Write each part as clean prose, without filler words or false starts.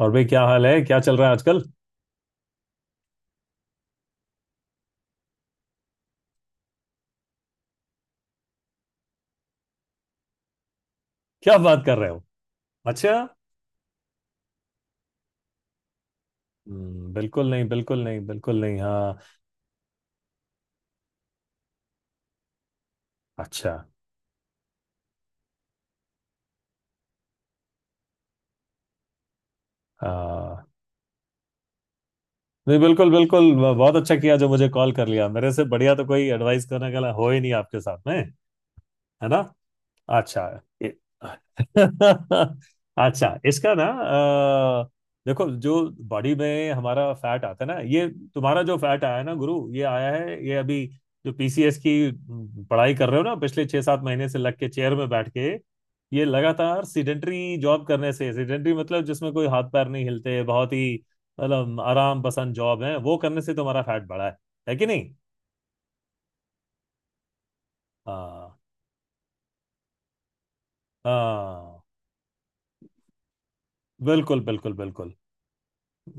और भाई क्या हाल है क्या चल रहा है आजकल। क्या बात कर रहे हो। अच्छा। बिल्कुल नहीं बिल्कुल नहीं बिल्कुल नहीं हाँ। अच्छा। हाँ नहीं बिल्कुल बिल्कुल ब- बहुत अच्छा किया जो मुझे कॉल कर लिया मेरे से बढ़िया तो कोई एडवाइस करने वाला हो ही नहीं आपके साथ में है ना। अच्छा। ए- अच्छा इसका ना देखो जो बॉडी में हमारा फैट आता है ना ये तुम्हारा जो फैट आया है ना गुरु ये आया है ये अभी जो पीसीएस की पढ़ाई कर रहे हो ना पिछले 6-7 महीने से लग के चेयर में बैठ के ये लगातार सीडेंटरी जॉब करने से सीडेंटरी मतलब जिसमें कोई हाथ पैर नहीं हिलते बहुत ही मतलब आराम पसंद जॉब है वो करने से तुम्हारा फैट बढ़ा है कि नहीं। हाँ हाँ बिल्कुल बिल्कुल बिल्कुल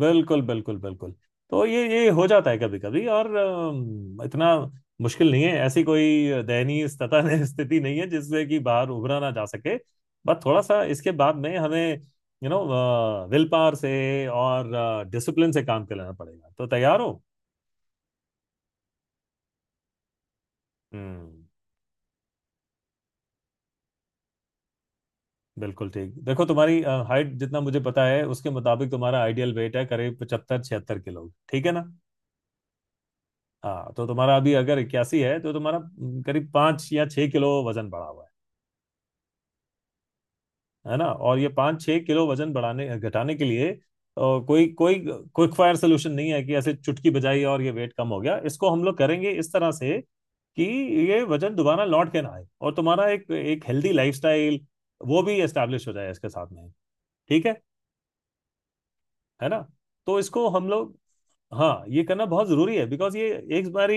बिल्कुल बिल्कुल बिल्कुल। तो ये हो जाता है कभी कभी और इतना मुश्किल नहीं है ऐसी कोई दयनीय स्थिति स्थिति नहीं है जिससे कि बाहर उभरा ना जा सके। बस थोड़ा सा इसके बाद में हमें यू नो विल पावर से और डिसिप्लिन से काम कर लेना पड़ेगा तो तैयार हो। हम्म बिल्कुल ठीक। देखो तुम्हारी हाइट जितना मुझे पता है उसके मुताबिक तुम्हारा आइडियल वेट है करीब 75-76 किलो ठीक है ना। हाँ तो तुम्हारा अभी अगर 81 है तो तुम्हारा करीब 5 या 6 किलो वजन बढ़ा हुआ है ना। और ये 5-6 किलो वजन बढ़ाने घटाने के लिए और कोई कोई क्विक फायर सोल्यूशन नहीं है कि ऐसे चुटकी बजाई और ये वेट कम हो गया। इसको हम लोग करेंगे इस तरह से कि ये वजन दोबारा लौट के ना आए और तुम्हारा एक एक हेल्दी लाइफस्टाइल वो भी एस्टेब्लिश हो जाए इसके साथ में ठीक है ना। तो इसको हम लोग हाँ ये करना बहुत जरूरी है बिकॉज ये एक बारी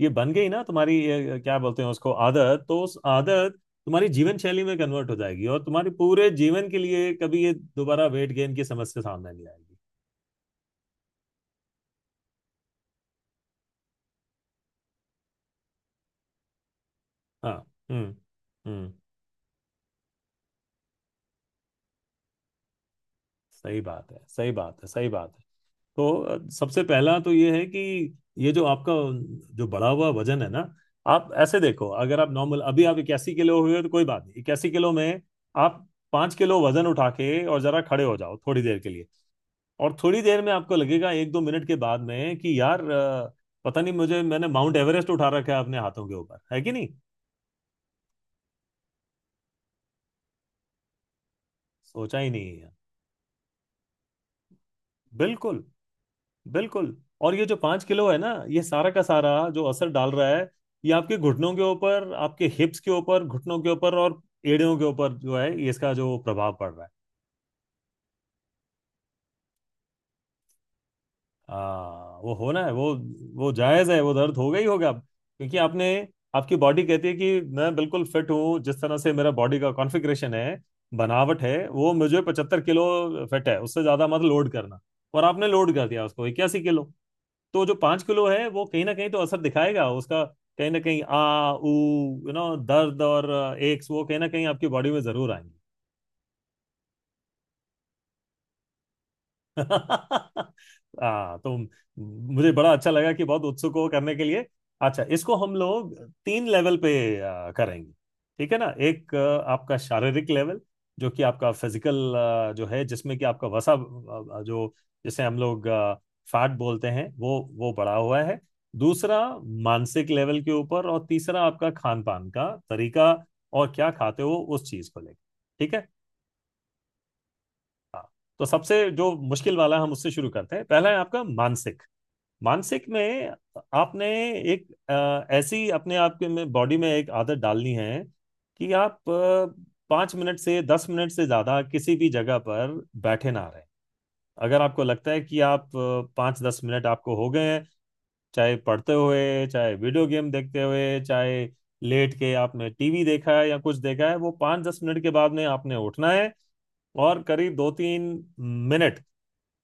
ये बन गई ना तुम्हारी ये क्या बोलते हैं उसको आदत तो उस आदत तुम्हारी जीवन शैली में कन्वर्ट हो जाएगी और तुम्हारे पूरे जीवन के लिए कभी ये दोबारा वेट गेन की समस्या सामने नहीं आएगी। हाँ हम्म हम्म सही बात है सही बात है सही बात है। तो सबसे पहला तो ये है कि ये जो आपका जो बढ़ा हुआ वजन है ना आप ऐसे देखो अगर आप नॉर्मल अभी आप 81 किलो हुए हो तो कोई बात नहीं। 81 किलो में आप 5 किलो वजन उठा के और जरा खड़े हो जाओ थोड़ी देर के लिए और थोड़ी देर में आपको लगेगा 1-2 मिनट के बाद में कि यार पता नहीं मुझे मैंने माउंट एवरेस्ट उठा रखा है अपने हाथों के ऊपर है कि नहीं। सोचा ही नहीं है बिल्कुल बिल्कुल। और ये जो 5 किलो है ना ये सारा का सारा जो असर डाल रहा है ये आपके घुटनों के ऊपर आपके हिप्स के ऊपर घुटनों के ऊपर और एड़ियों के ऊपर जो है ये इसका जो प्रभाव पड़ रहा है वो होना है वो जायज़ है वो दर्द होगा ही होगा अब क्योंकि आपने आपकी बॉडी कहती है कि मैं बिल्कुल फिट हूँ जिस तरह से मेरा बॉडी का कॉन्फिग्रेशन है बनावट है वो मुझे 75 किलो फिट है उससे ज़्यादा मत लोड करना और आपने लोड कर दिया उसको 81 किलो। तो जो 5 किलो है वो कहीं ना कहीं तो असर दिखाएगा उसका। कहीं ना कहीं आ ऊ यू नो दर्द और एक्स वो कहीं ना कहीं आपकी बॉडी में जरूर आएंगे। हाँ तो मुझे बड़ा अच्छा लगा कि बहुत उत्सुक हो करने के लिए। अच्छा इसको हम लोग 3 लेवल पे करेंगे ठीक है ना। एक आपका शारीरिक लेवल जो कि आपका फिजिकल जो है जिसमें कि आपका वसा जो जिसे हम लोग फैट बोलते हैं वो बढ़ा हुआ है। दूसरा मानसिक लेवल के ऊपर और तीसरा आपका खान पान का तरीका और क्या खाते हो उस चीज को लेकर ठीक है। हाँ, तो सबसे जो मुश्किल वाला हम उससे शुरू करते हैं पहला है आपका मानसिक। मानसिक में आपने एक ऐसी अपने आप के में बॉडी में एक आदत डालनी है कि आप 5 मिनट से 10 मिनट से ज़्यादा किसी भी जगह पर बैठे ना रहें। अगर आपको लगता है कि आप 5-10 मिनट आपको हो गए हैं चाहे पढ़ते हुए चाहे वीडियो गेम देखते हुए चाहे लेट के आपने टीवी देखा है या कुछ देखा है वो 5-10 मिनट के बाद में आपने उठना है और करीब 2-3 मिनट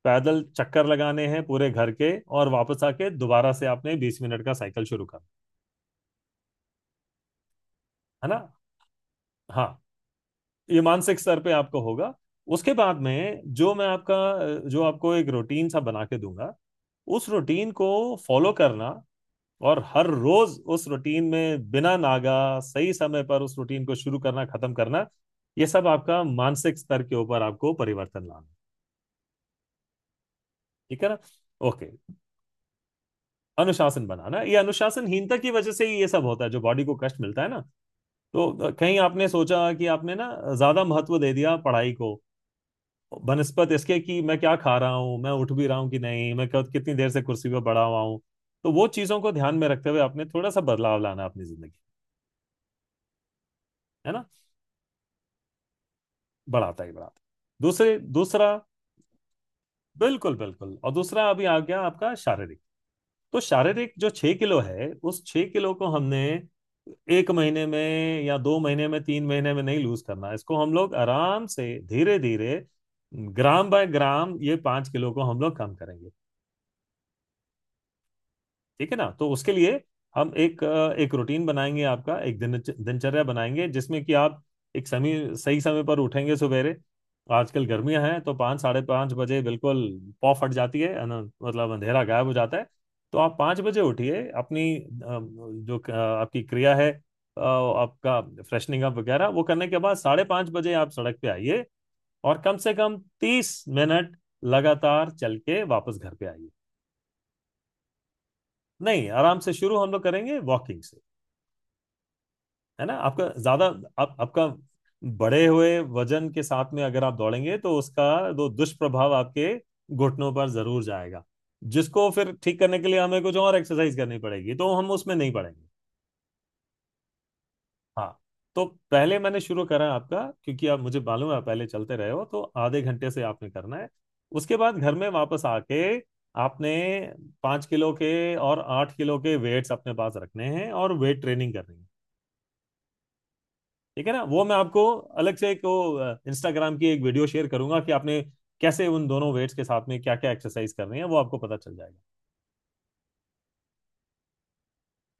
पैदल चक्कर लगाने हैं पूरे घर के और वापस आके दोबारा से आपने 20 मिनट का साइकिल शुरू करना है ना। हाँ ये मानसिक स्तर पे आपको होगा। उसके बाद में जो मैं आपका जो आपको एक रूटीन सा बना के दूंगा उस रूटीन को फॉलो करना और हर रोज उस रूटीन में बिना नागा सही समय पर उस रूटीन को शुरू करना खत्म करना ये सब आपका मानसिक स्तर के ऊपर आपको परिवर्तन लाना ठीक है ना। ओके अनुशासन बनाना ये अनुशासनहीनता की वजह से ही ये सब होता है जो बॉडी को कष्ट मिलता है ना। तो कहीं आपने सोचा कि आपने ना ज्यादा महत्व दे दिया पढ़ाई को बनस्पत इसके कि मैं क्या खा रहा हूँ मैं उठ भी रहा हूँ कि नहीं मैं कब कितनी देर से कुर्सी पे पड़ा हुआ हूँ। तो वो चीजों को ध्यान में रखते हुए आपने थोड़ा सा बदलाव लाना अपनी जिंदगी है ना बढ़ाता ही बढ़ाता। दूसरे दूसरा बिल्कुल बिल्कुल। और दूसरा अभी आ गया आपका शारीरिक। तो शारीरिक जो 6 किलो है उस 6 किलो को हमने 1 महीने में या 2 महीने में 3 महीने में नहीं लूज करना है। इसको हम लोग आराम से धीरे धीरे ग्राम बाय ग्राम ये 5 किलो को हम लोग कम करेंगे ठीक है ना। तो उसके लिए हम एक रूटीन बनाएंगे आपका एक दिन दिनचर्या बनाएंगे जिसमें कि आप एक समय सही समय पर उठेंगे सवेरे आजकल गर्मियां हैं तो 5 से 5:30 बजे बिल्कुल पौ फट जाती है ना मतलब अंधेरा गायब हो जाता है। तो आप 5 बजे उठिए अपनी जो आपकी क्रिया है आपका फ्रेशनिंग अप वगैरह वो करने के बाद 5:30 बजे आप सड़क पे आइए और कम से कम 30 मिनट लगातार चल के वापस घर पे आइए। नहीं आराम से शुरू हम लोग करेंगे वॉकिंग से। है ना आपका ज्यादा आपका बढ़े हुए वजन के साथ में अगर आप दौड़ेंगे तो उसका दो दुष्प्रभाव आपके घुटनों पर जरूर जाएगा जिसको फिर ठीक करने के लिए हमें कुछ और एक्सरसाइज करनी पड़ेगी तो हम उसमें नहीं पड़ेंगे। हाँ तो पहले मैंने शुरू करा आपका क्योंकि आप मुझे मालूम है आप पहले चलते रहे हो तो आधे घंटे से आपने करना है। उसके बाद घर में वापस आके आपने 5 किलो के और 8 किलो के वेट्स अपने पास रखने हैं और वेट ट्रेनिंग करनी है ठीक है ना। वो मैं आपको अलग से एक वो इंस्टाग्राम की एक वीडियो शेयर करूंगा कि आपने कैसे उन दोनों वेट्स के साथ में क्या क्या एक्सरसाइज करनी है वो आपको पता चल जाएगा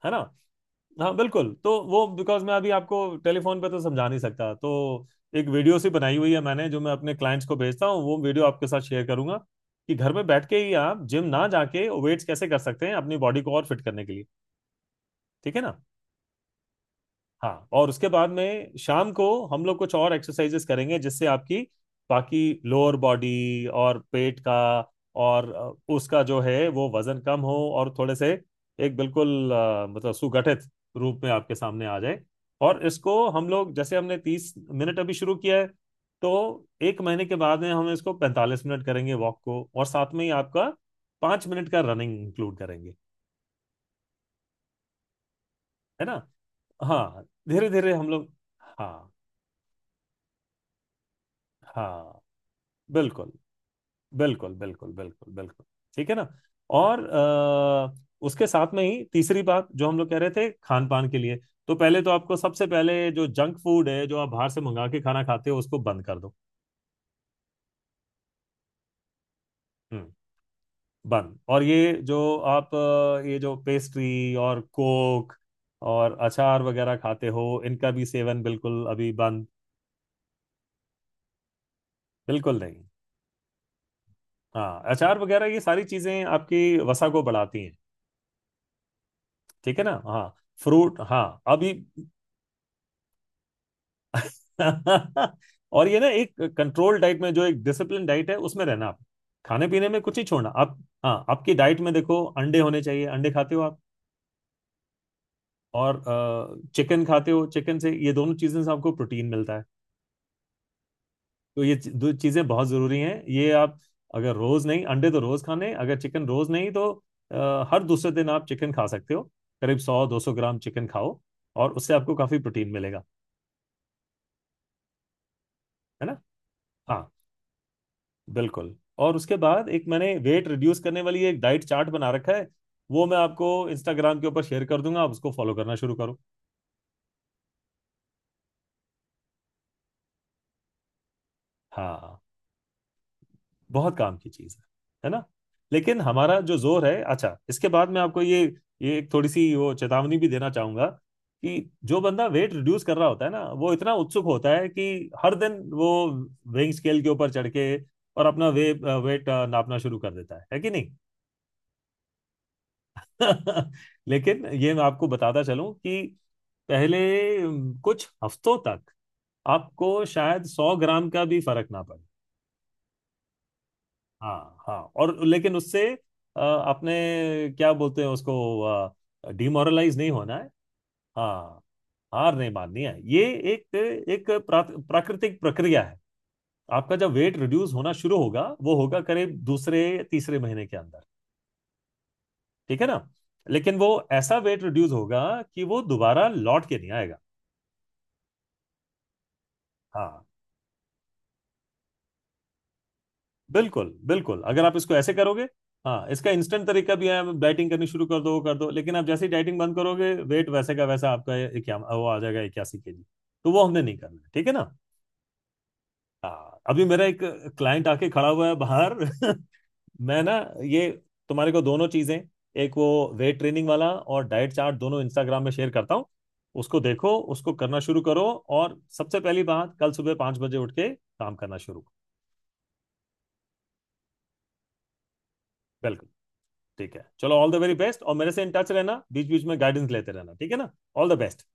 है ना। हाँ बिल्कुल। तो वो बिकॉज मैं अभी आपको टेलीफोन पे तो समझा नहीं सकता तो एक वीडियो सी बनाई हुई है मैंने जो मैं अपने क्लाइंट्स को भेजता हूँ वो वीडियो आपके साथ शेयर करूंगा कि घर में बैठ के ही आप जिम ना जाके वेट्स कैसे कर सकते हैं अपनी बॉडी को और फिट करने के लिए ठीक है ना। हाँ और उसके बाद में शाम को हम लोग कुछ और एक्सरसाइजेस करेंगे जिससे आपकी बाकी लोअर बॉडी और पेट का और उसका जो है वो वजन कम हो और थोड़े से एक बिल्कुल मतलब सुगठित रूप में आपके सामने आ जाए। और इसको हम लोग जैसे हमने 30 मिनट अभी शुरू किया है तो 1 महीने के बाद में हम इसको 45 मिनट करेंगे वॉक को और साथ में ही आपका 5 मिनट का रनिंग इंक्लूड करेंगे है ना। हाँ धीरे धीरे हम लोग हाँ हाँ बिल्कुल बिल्कुल बिल्कुल बिल्कुल बिल्कुल ठीक है ना। और उसके साथ में ही तीसरी बात जो हम लोग कह रहे थे खान पान के लिए तो पहले तो आपको सबसे पहले जो जंक फूड है जो आप बाहर से मंगा के खाना खाते हो उसको बंद कर दो। हम्म बंद और ये जो आप ये जो पेस्ट्री और कोक और अचार वगैरह खाते हो इनका भी सेवन बिल्कुल अभी बंद। बिल्कुल नहीं हाँ अचार वगैरह ये सारी चीजें आपकी वसा को बढ़ाती हैं ठीक है ना। हाँ फ्रूट हाँ अभी। और ये ना एक कंट्रोल डाइट में जो एक डिसिप्लिन डाइट है उसमें रहना आप खाने पीने में कुछ ही छोड़ना आप। हाँ आपकी डाइट में देखो अंडे होने चाहिए अंडे खाते हो आप और चिकन खाते हो चिकन से ये दोनों चीज़ें से आपको प्रोटीन मिलता है। तो दो चीज़ें बहुत ज़रूरी हैं ये आप अगर रोज़ नहीं अंडे तो रोज़ खाने अगर चिकन रोज़ नहीं तो हर दूसरे दिन आप चिकन खा सकते हो करीब 100-200 ग्राम चिकन खाओ और उससे आपको काफ़ी प्रोटीन मिलेगा है ना। हाँ बिल्कुल। और उसके बाद एक मैंने वेट रिड्यूस करने वाली एक डाइट चार्ट बना रखा है वो मैं आपको इंस्टाग्राम के ऊपर शेयर कर दूंगा आप उसको फॉलो करना शुरू करो। हाँ बहुत काम की चीज है ना। लेकिन हमारा जो जोर है अच्छा इसके बाद मैं आपको ये एक थोड़ी सी वो चेतावनी भी देना चाहूंगा कि जो बंदा वेट रिड्यूस कर रहा होता है ना वो इतना उत्सुक होता है कि हर दिन वो वेइंग स्केल के ऊपर चढ़ के और अपना वे वेट नापना शुरू कर देता है कि नहीं। लेकिन ये मैं आपको बताता चलूं कि पहले कुछ हफ्तों तक आपको शायद 100 ग्राम का भी फर्क ना पड़े। हाँ हाँ और लेकिन उससे आपने क्या बोलते हैं उसको डिमोरलाइज नहीं होना है। हाँ हार नहीं माननी है ये एक एक प्राकृतिक प्रक्रिया है। आपका जब वेट रिड्यूस होना शुरू होगा वो होगा करीब दूसरे तीसरे महीने के अंदर ठीक है ना। लेकिन वो ऐसा वेट रिड्यूस होगा कि वो दोबारा लौट के नहीं आएगा। हाँ बिल्कुल बिल्कुल अगर आप इसको ऐसे करोगे हाँ इसका इंस्टेंट तरीका भी है आप डाइटिंग करनी शुरू कर दो वो कर दो लेकिन आप जैसे ही डाइटिंग बंद करोगे वेट वैसे का वैसा आपका ये क्या वो आ जाएगा 81 केजी। तो वो हमने नहीं करना है ठीक है ना। हाँ अभी मेरा एक क्लाइंट आके खड़ा हुआ है बाहर। मैं ना ये तुम्हारे को दोनों चीजें एक वो वेट ट्रेनिंग वाला और डाइट चार्ट दोनों इंस्टाग्राम में शेयर करता हूँ उसको देखो उसको करना शुरू करो और सबसे पहली बात कल सुबह 5 बजे उठ के काम करना शुरू करो। बिल्कुल ठीक है चलो ऑल द वेरी बेस्ट और मेरे से इन टच रहना बीच बीच में गाइडेंस लेते रहना ठीक है ना। All the best.